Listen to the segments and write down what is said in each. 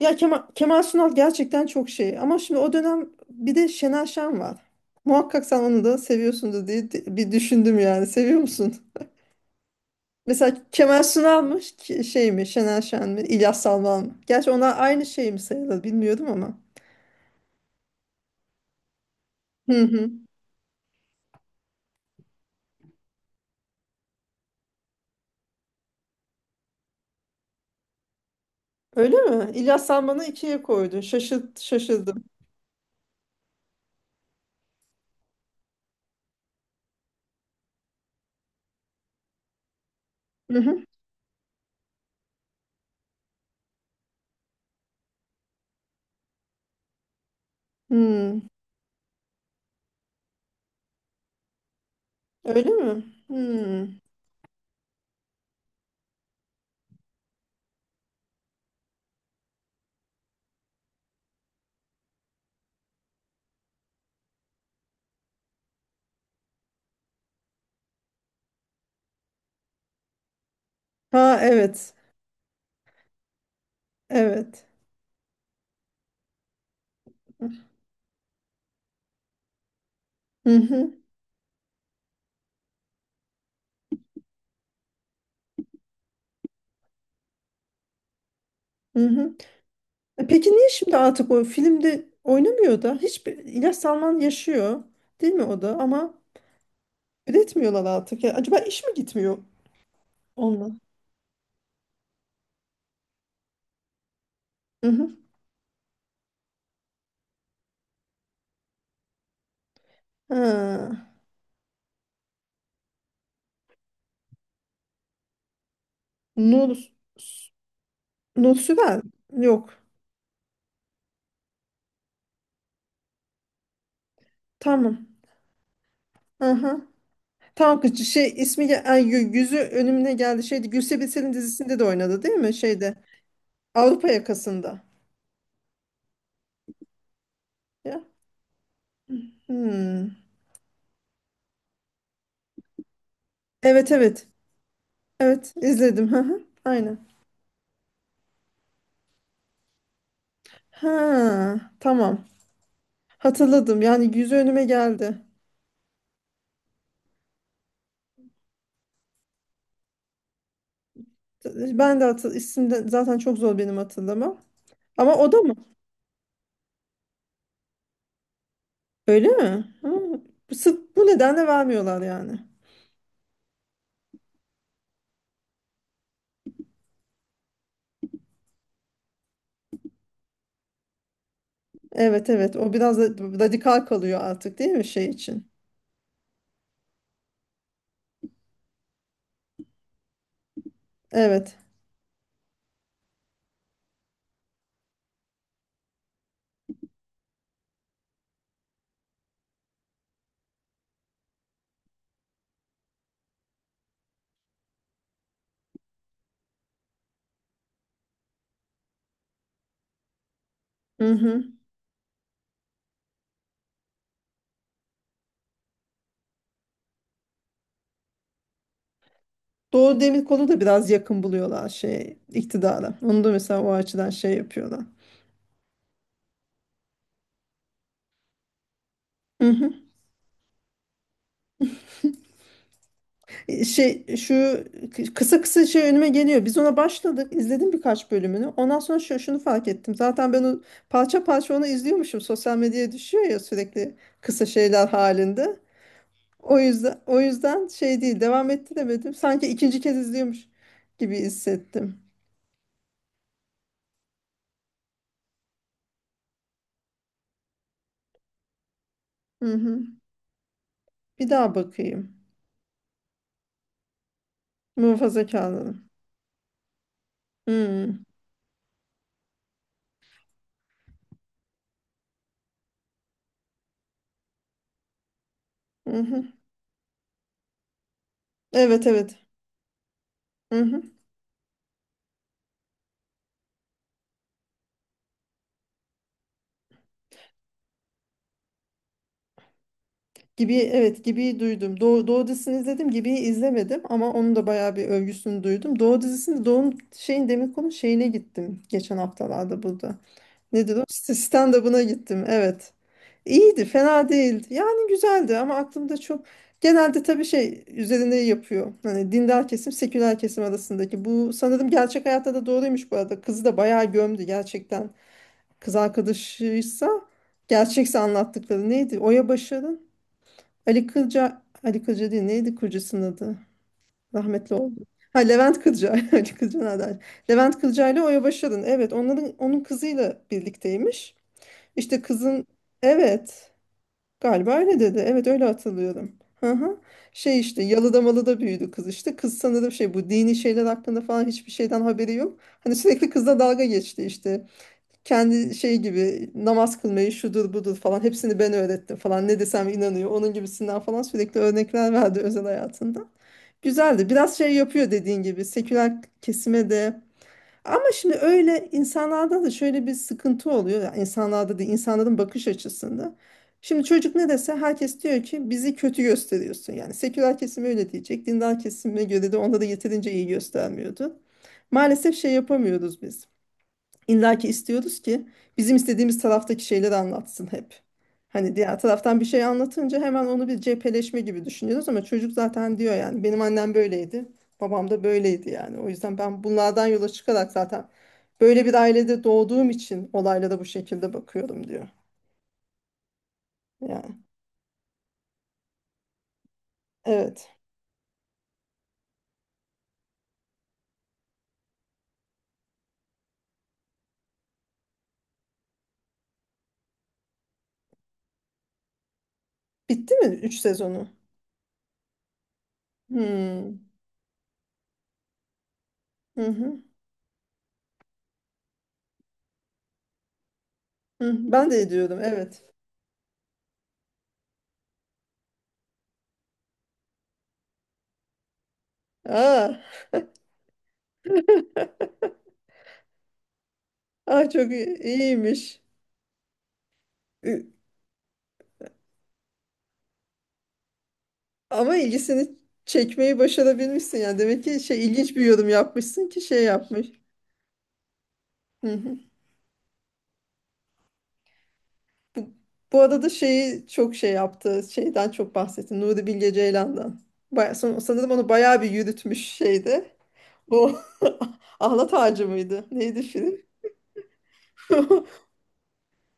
Ya Kemal Sunal gerçekten çok şey. Ama şimdi o dönem bir de Şener Şen var. Muhakkak sen onu da seviyorsundur diye bir düşündüm yani. Seviyor musun? Mesela Kemal Sunal mı şey mi Şener Şen mi İlyas Salman mı? Gerçi onlar aynı şey mi sayılır bilmiyordum ama. Hı hı. Öyle mi? İlyas Salman'ı ikiye koydu. Şaşırdım. Hı hı. Hmm. Öyle mi? Hmm. Ha, evet. Evet. Hı hı. Hı hı. E, peki niye şimdi artık o filmde oynamıyor da? Hiçbir İlyas Salman yaşıyor, değil mi o da? Ama üretmiyorlar artık. Ya, acaba iş mi gitmiyor onunla? Hı hı. Ha. Nur, Nur Sürer. Yok. Tamam. Aha. Tamam kız şey ismi ay, yüzü önümüne geldi. Şeydi Gülse Birsel'in dizisinde de oynadı değil mi? Şeyde Avrupa yakasında. Ya. Hmm. Evet, evet. Evet, izledim. Hı hı. Aynen. Ha, tamam. Hatırladım. Yani yüzü önüme geldi. Ben de isim de zaten çok zor benim hatırlamam. Ama o da mı? Öyle mi? Ha. Sırf bu nedenle vermiyorlar yani. Evet, evet, o biraz da radikal kalıyor artık değil mi şey için? Evet. Hı hı. Doğu Demirkol'u da biraz yakın buluyorlar şey iktidara. Onu da mesela o açıdan şey yapıyorlar. Hı hı. Şey şu kısa kısa şey önüme geliyor. Biz ona başladık, izledim birkaç bölümünü. Ondan sonra şunu fark ettim. Zaten ben o parça parça onu izliyormuşum. Sosyal medyaya düşüyor ya sürekli kısa şeyler halinde. O yüzden şey değil, devam ettiremedim. Sanki ikinci kez izliyormuş gibi hissettim. Hı hı. Bir daha bakayım. Muhafazakarlarım. Hı hı. Evet, evet. Hı hı. Gibi, evet, gibi duydum. Doğu dizisini izledim gibi izlemedim ama onun da bayağı bir övgüsünü duydum. Doğu dizisinde Doğu'nun şeyin demin konu şeyine gittim geçen haftalarda burada. Nedir o? Stand-up'ına gittim, evet. İyiydi, fena değildi. Yani güzeldi ama aklımda çok genelde tabii şey üzerine yapıyor. Hani dindar kesim seküler kesim arasındaki bu, sanırım gerçek hayatta da doğruymuş bu arada. Kızı da bayağı gömdü gerçekten. Kız arkadaşıysa gerçekse anlattıkları neydi? Oya Başar'ın Ali Kılca, Ali Kılca değil, neydi kurucusunun adı? Rahmetli oldu. Ha, Levent Kılca. Ali Kılca nerede? Levent Kılca ile Oya Başarın. Evet, onların, onun kızıyla birlikteymiş. İşte kızın, evet, galiba öyle dedi. Evet, öyle hatırlıyorum. Hı hı. Şey işte yalıda malıda büyüdü kız işte. Kız sanırım şey bu dini şeyler hakkında falan hiçbir şeyden haberi yok. Hani sürekli kızla dalga geçti işte kendi şey gibi namaz kılmayı şudur budur falan hepsini ben öğrettim falan ne desem inanıyor onun gibisinden falan sürekli örnekler verdi özel hayatında. Güzeldi, biraz şey yapıyor dediğin gibi seküler kesime de ama şimdi öyle insanlarda da şöyle bir sıkıntı oluyor, yani insanlarda değil insanların bakış açısında. Şimdi çocuk ne dese herkes diyor ki bizi kötü gösteriyorsun, yani seküler kesim öyle diyecek, dindar kesime göre de onda da yeterince iyi göstermiyordu. Maalesef şey yapamıyoruz biz. İlla ki istiyoruz ki bizim istediğimiz taraftaki şeyleri anlatsın hep. Hani diğer taraftan bir şey anlatınca hemen onu bir cepheleşme gibi düşünüyoruz ama çocuk zaten diyor yani benim annem böyleydi, babam da böyleydi yani. O yüzden ben bunlardan yola çıkarak zaten böyle bir ailede doğduğum için olaylara bu şekilde bakıyorum diyor. Yani, evet. Bitti mi 3 sezonu? Hmm. Hı hı. Hı. Ben de ediyorum, evet. Aa, aa, çok iyiymiş. Ama ilgisini çekmeyi başarabilmişsin yani. Demek ki şey ilginç bir yorum yapmışsın ki şey yapmış. Hı hı. Bu, Bu arada şeyi çok şey yaptı. Şeyden çok bahsettin. Nuri Bilge Ceylan'dan. Baya, sanırım onu bayağı bir yürütmüş şeydi. O Ahlat Ağacı mıydı? Neydi film?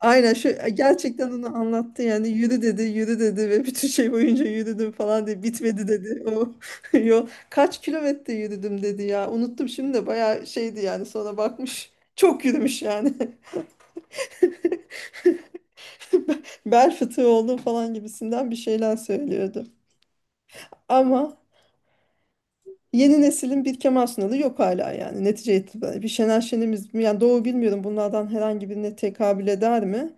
Aynen şu gerçekten onu anlattı yani yürü dedi yürü dedi ve bütün şey boyunca yürüdüm falan diye bitmedi dedi. O yol kaç kilometre yürüdüm dedi ya unuttum şimdi de bayağı şeydi yani sonra bakmış çok yürümüş yani. Bel fıtığı oldum falan gibisinden bir şeyler söylüyordu. Ama yeni neslin bir Kemal Sunal'ı yok hala yani netice itibariyle. Bir Şener Şen'imiz mi? Yani doğru bilmiyorum bunlardan herhangi birine tekabül eder mi?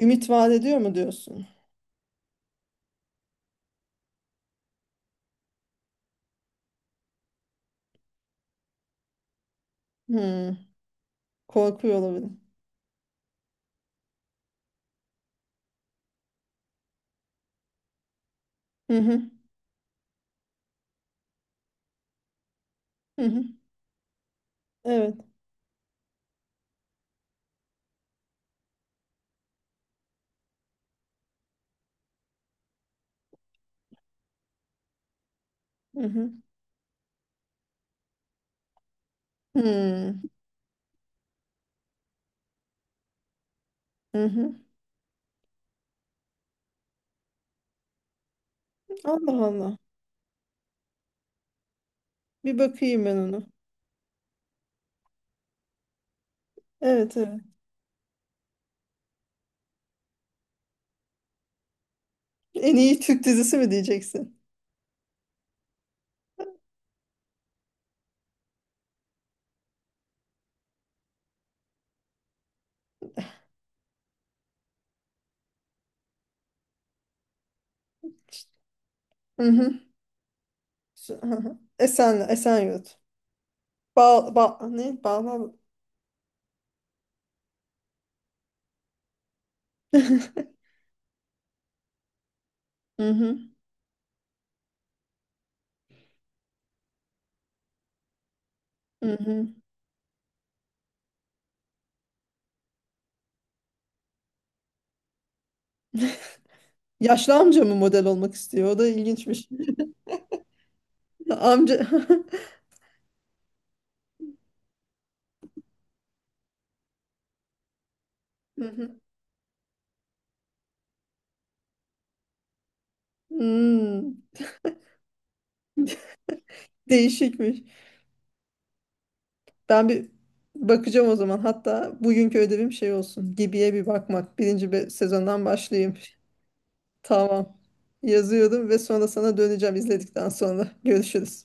Ümit vaat ediyor mu diyorsun? Hmm. Korkuyor olabilir. Hı hı. Hı hı. Evet. Hı hı. Hı hı. Hı. Allah Allah. Bir bakayım ben onu. Evet, evet. En iyi Türk dizisi mi diyeceksin? Hı hı. Hı hı. Esenyurt. Ne? Bağlar. Hı hı. Hı hı. Yaşlı amca mı model olmak istiyor? O da ilginçmiş. Amca. Hı hı. Hmm, değişikmiş. Ben bir bakacağım o zaman. Hatta bugünkü ödevim şey olsun. Gibi'ye bir bakmak. Birinci sezondan başlayayım. Tamam. Yazıyordum ve sonra sana döneceğim izledikten sonra. Görüşürüz.